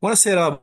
Buonasera.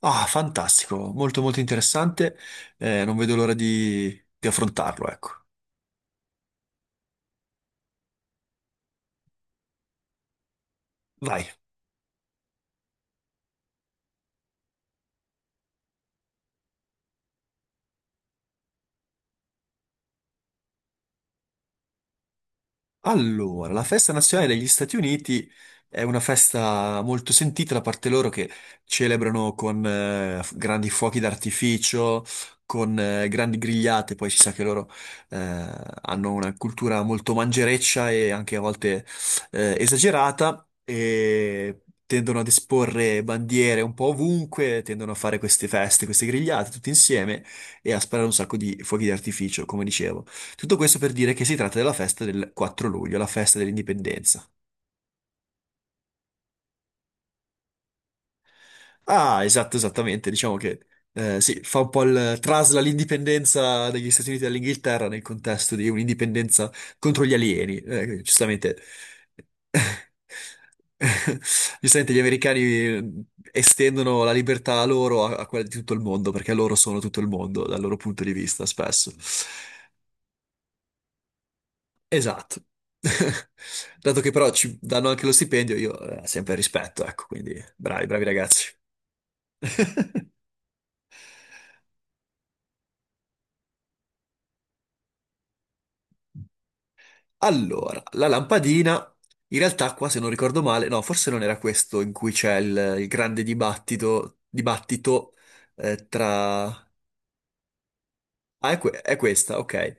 Ah, fantastico, molto molto interessante. Non vedo l'ora di affrontarlo, ecco. Vai. Allora, la festa nazionale degli Stati Uniti è una festa molto sentita da parte loro, che celebrano con grandi fuochi d'artificio, con grandi grigliate. Poi si sa che loro hanno una cultura molto mangereccia e anche a volte esagerata, e tendono ad esporre bandiere un po' ovunque, tendono a fare queste feste, queste grigliate tutti insieme e a sparare un sacco di fuochi d'artificio, come dicevo. Tutto questo per dire che si tratta della festa del 4 luglio, la festa dell'indipendenza. Ah, esatto, esattamente. Diciamo che sì, fa un po' il trasla l'indipendenza degli Stati Uniti dall'Inghilterra nel contesto di un'indipendenza contro gli alieni. Giustamente. Giustamente, gli americani estendono la libertà a loro, a quella di tutto il mondo, perché loro sono tutto il mondo dal loro punto di vista, spesso. Esatto. Dato che però ci danno anche lo stipendio, io sempre rispetto, ecco. Quindi bravi, bravi ragazzi. Allora, la lampadina, in realtà qua, se non ricordo male, no, forse non era questo in cui c'è il grande dibattito, tra... Ah, è, è questa, ok.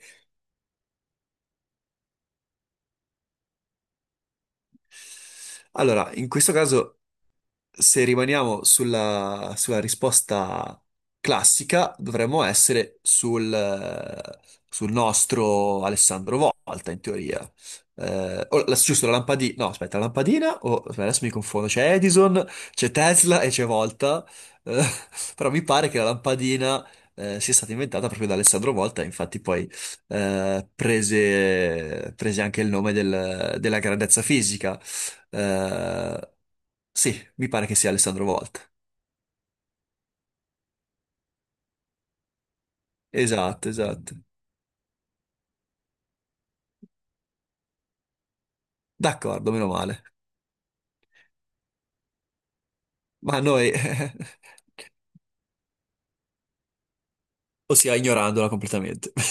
Allora, in questo caso, se rimaniamo sulla risposta classica, dovremmo essere sul nostro Alessandro Volta, in teoria. Giusto, la lampadina. No, aspetta, la lampadina. Aspetta, adesso mi confondo. C'è Edison, c'è Tesla e c'è Volta. Eh, Però mi pare che la lampadina, sia stata inventata proprio da Alessandro Volta. Infatti poi prese anche il nome della grandezza fisica, eh, sì, mi pare che sia Alessandro Volta. Esatto, esatto. D'accordo, meno male. Ma noi, o sia ignorandola completamente.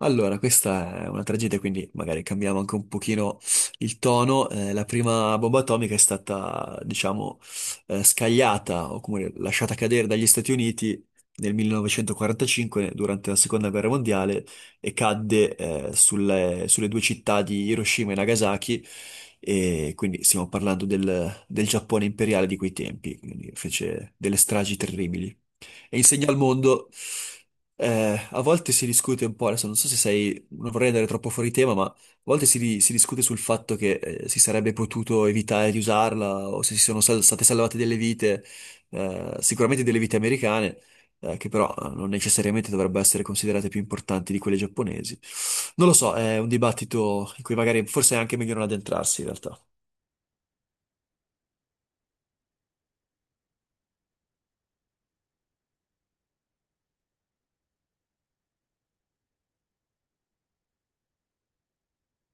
Allora, questa è una tragedia, quindi magari cambiamo anche un pochino il tono. La prima bomba atomica è stata, diciamo, scagliata, o comunque lasciata cadere, dagli Stati Uniti nel 1945 durante la Seconda Guerra Mondiale, e cadde, sulle due città di Hiroshima e Nagasaki. E quindi stiamo parlando del Giappone imperiale di quei tempi, quindi fece delle stragi terribili e insegna al mondo. A volte si discute un po', adesso non so se sei, non vorrei andare troppo fuori tema, ma a volte si discute sul fatto che si sarebbe potuto evitare di usarla, o se si sono state salvate delle vite, sicuramente delle vite americane, che però non necessariamente dovrebbero essere considerate più importanti di quelle giapponesi. Non lo so, è un dibattito in cui magari forse è anche meglio non addentrarsi, in realtà.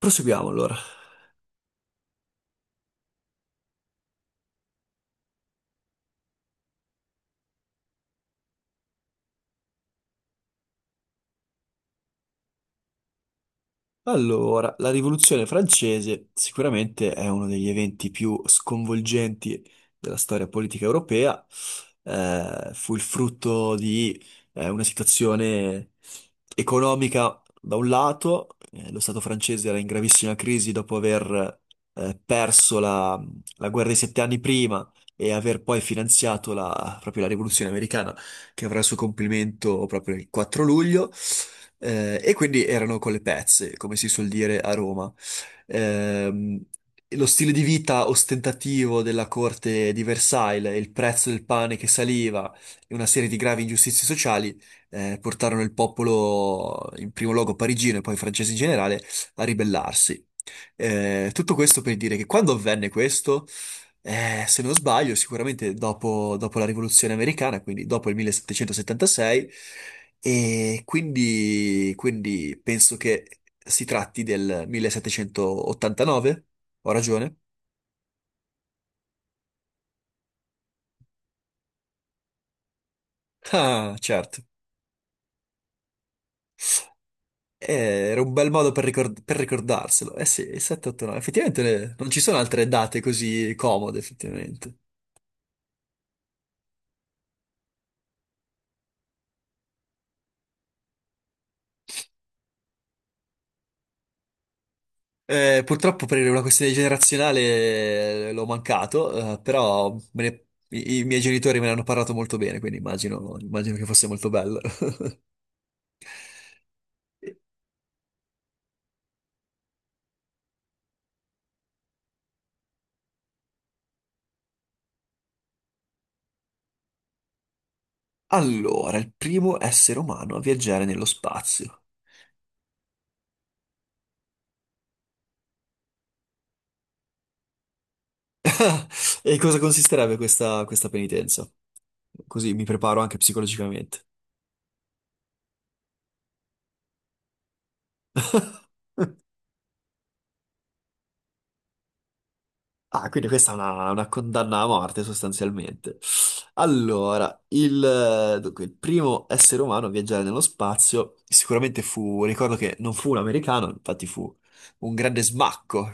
Proseguiamo allora. Allora, la Rivoluzione francese sicuramente è uno degli eventi più sconvolgenti della storia politica europea. Fu il frutto di una situazione economica da un lato, lo Stato francese era in gravissima crisi dopo aver perso la guerra dei sette anni prima, e aver poi finanziato proprio la Rivoluzione americana, che avrà il suo compimento proprio il 4 luglio. E quindi erano con le pezze, come si suol dire a Roma. Ehm, Lo stile di vita ostentativo della corte di Versailles, il prezzo del pane che saliva e una serie di gravi ingiustizie sociali portarono il popolo, in primo luogo parigino e poi francese in generale, a ribellarsi. Tutto questo per dire che quando avvenne questo, se non sbaglio, sicuramente dopo la Rivoluzione americana, quindi dopo il 1776, e quindi penso che si tratti del 1789. Ho ragione? Ah, certo. Eh, Era un bel modo per ricordarselo. Eh sì, il 789. Effettivamente non ci sono altre date così comode, effettivamente. Purtroppo per una questione generazionale l'ho mancato, però i miei genitori me ne hanno parlato molto bene, quindi immagino che fosse molto bello. Allora, il primo essere umano a viaggiare nello spazio. E in cosa consisterebbe questa penitenza? Così mi preparo anche psicologicamente. Ah, quindi questa è una condanna a morte, sostanzialmente. Allora, dunque, il primo essere umano a viaggiare nello spazio sicuramente fu, ricordo che non fu un americano, infatti fu un grande smacco.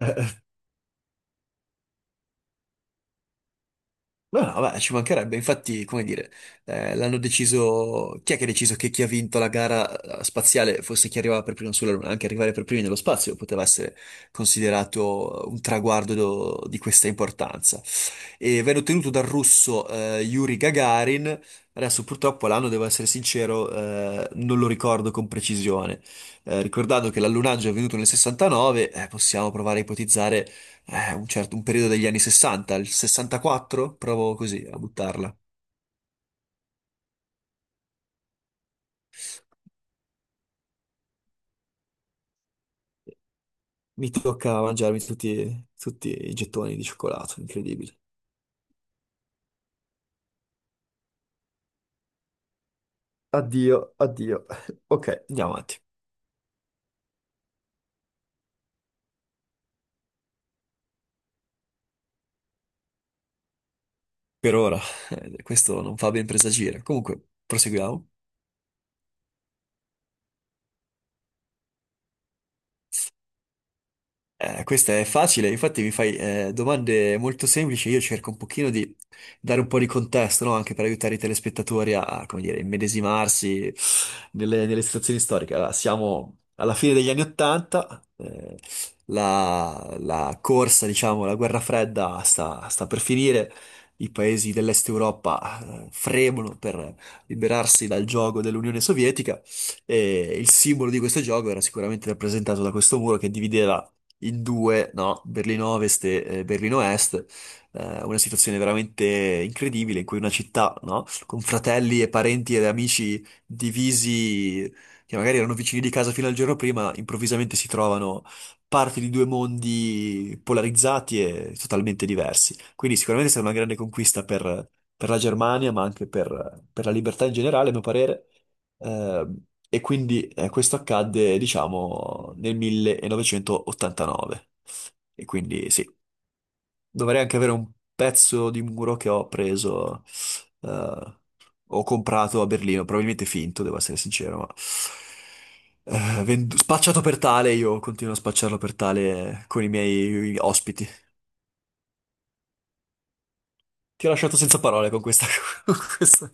No, no, beh, ci mancherebbe, infatti, come dire, l'hanno deciso. Chi è che ha deciso che chi ha vinto la gara spaziale fosse chi arrivava per primo sulla Luna? Anche arrivare per primi nello spazio poteva essere considerato un traguardo di questa importanza. E venne ottenuto dal russo Yuri Gagarin. Adesso purtroppo l'anno, devo essere sincero, non lo ricordo con precisione. Ricordando che l'allunaggio è avvenuto nel 69, possiamo provare a ipotizzare un periodo degli anni 60, il 64, provo così a buttarla. Mi tocca mangiarmi tutti i gettoni di cioccolato, incredibile. Addio, addio. Ok. Andiamo avanti. Per ora, questo non fa ben presagire. Comunque, proseguiamo. Questa è facile, infatti mi fai domande molto semplici. Io cerco un pochino di dare un po' di contesto, no? Anche per aiutare i telespettatori a, come dire, immedesimarsi nelle situazioni storiche. Allora, siamo alla fine degli anni Ottanta. La corsa, diciamo, la guerra fredda sta per finire. I paesi dell'Est Europa fremono per liberarsi dal gioco dell'Unione Sovietica, e il simbolo di questo gioco era sicuramente rappresentato da questo muro che divideva in due, no? Berlino Ovest e Berlino Est, una situazione veramente incredibile in cui una città, no? Con fratelli e parenti ed amici divisi, che magari erano vicini di casa fino al giorno prima, improvvisamente si trovano parti di due mondi polarizzati e totalmente diversi. Quindi sicuramente è stata una grande conquista per la Germania, ma anche per la libertà in generale, a mio parere. E quindi questo accadde, diciamo, nel 1989. E quindi sì, dovrei anche avere un pezzo di muro che ho preso, eh, ho comprato a Berlino, probabilmente finto, devo essere sincero, ma spacciato per tale, io continuo a spacciarlo per tale con i miei ospiti. Ti ho lasciato senza parole con questa... con questa...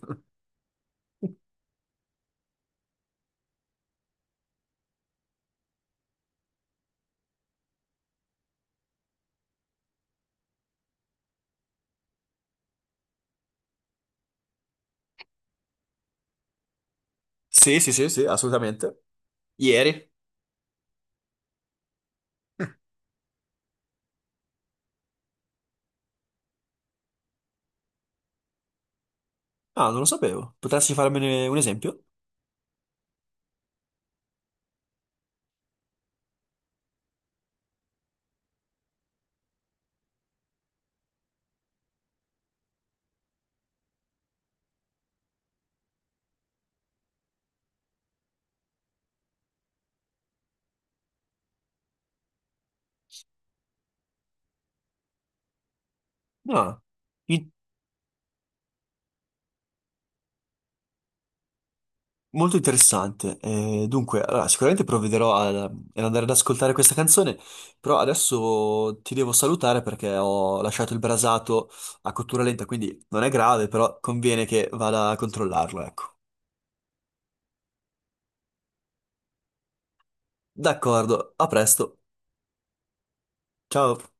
Sì, sì, sì, sì, assolutamente. Ieri? Ah, non lo sapevo. Potresti farmene un esempio? No. Molto interessante. Dunque, allora, sicuramente provvederò ad andare ad ascoltare questa canzone, però adesso ti devo salutare perché ho lasciato il brasato a cottura lenta, quindi non è grave, però conviene che vada a controllarlo, ecco. D'accordo, a presto. Ciao.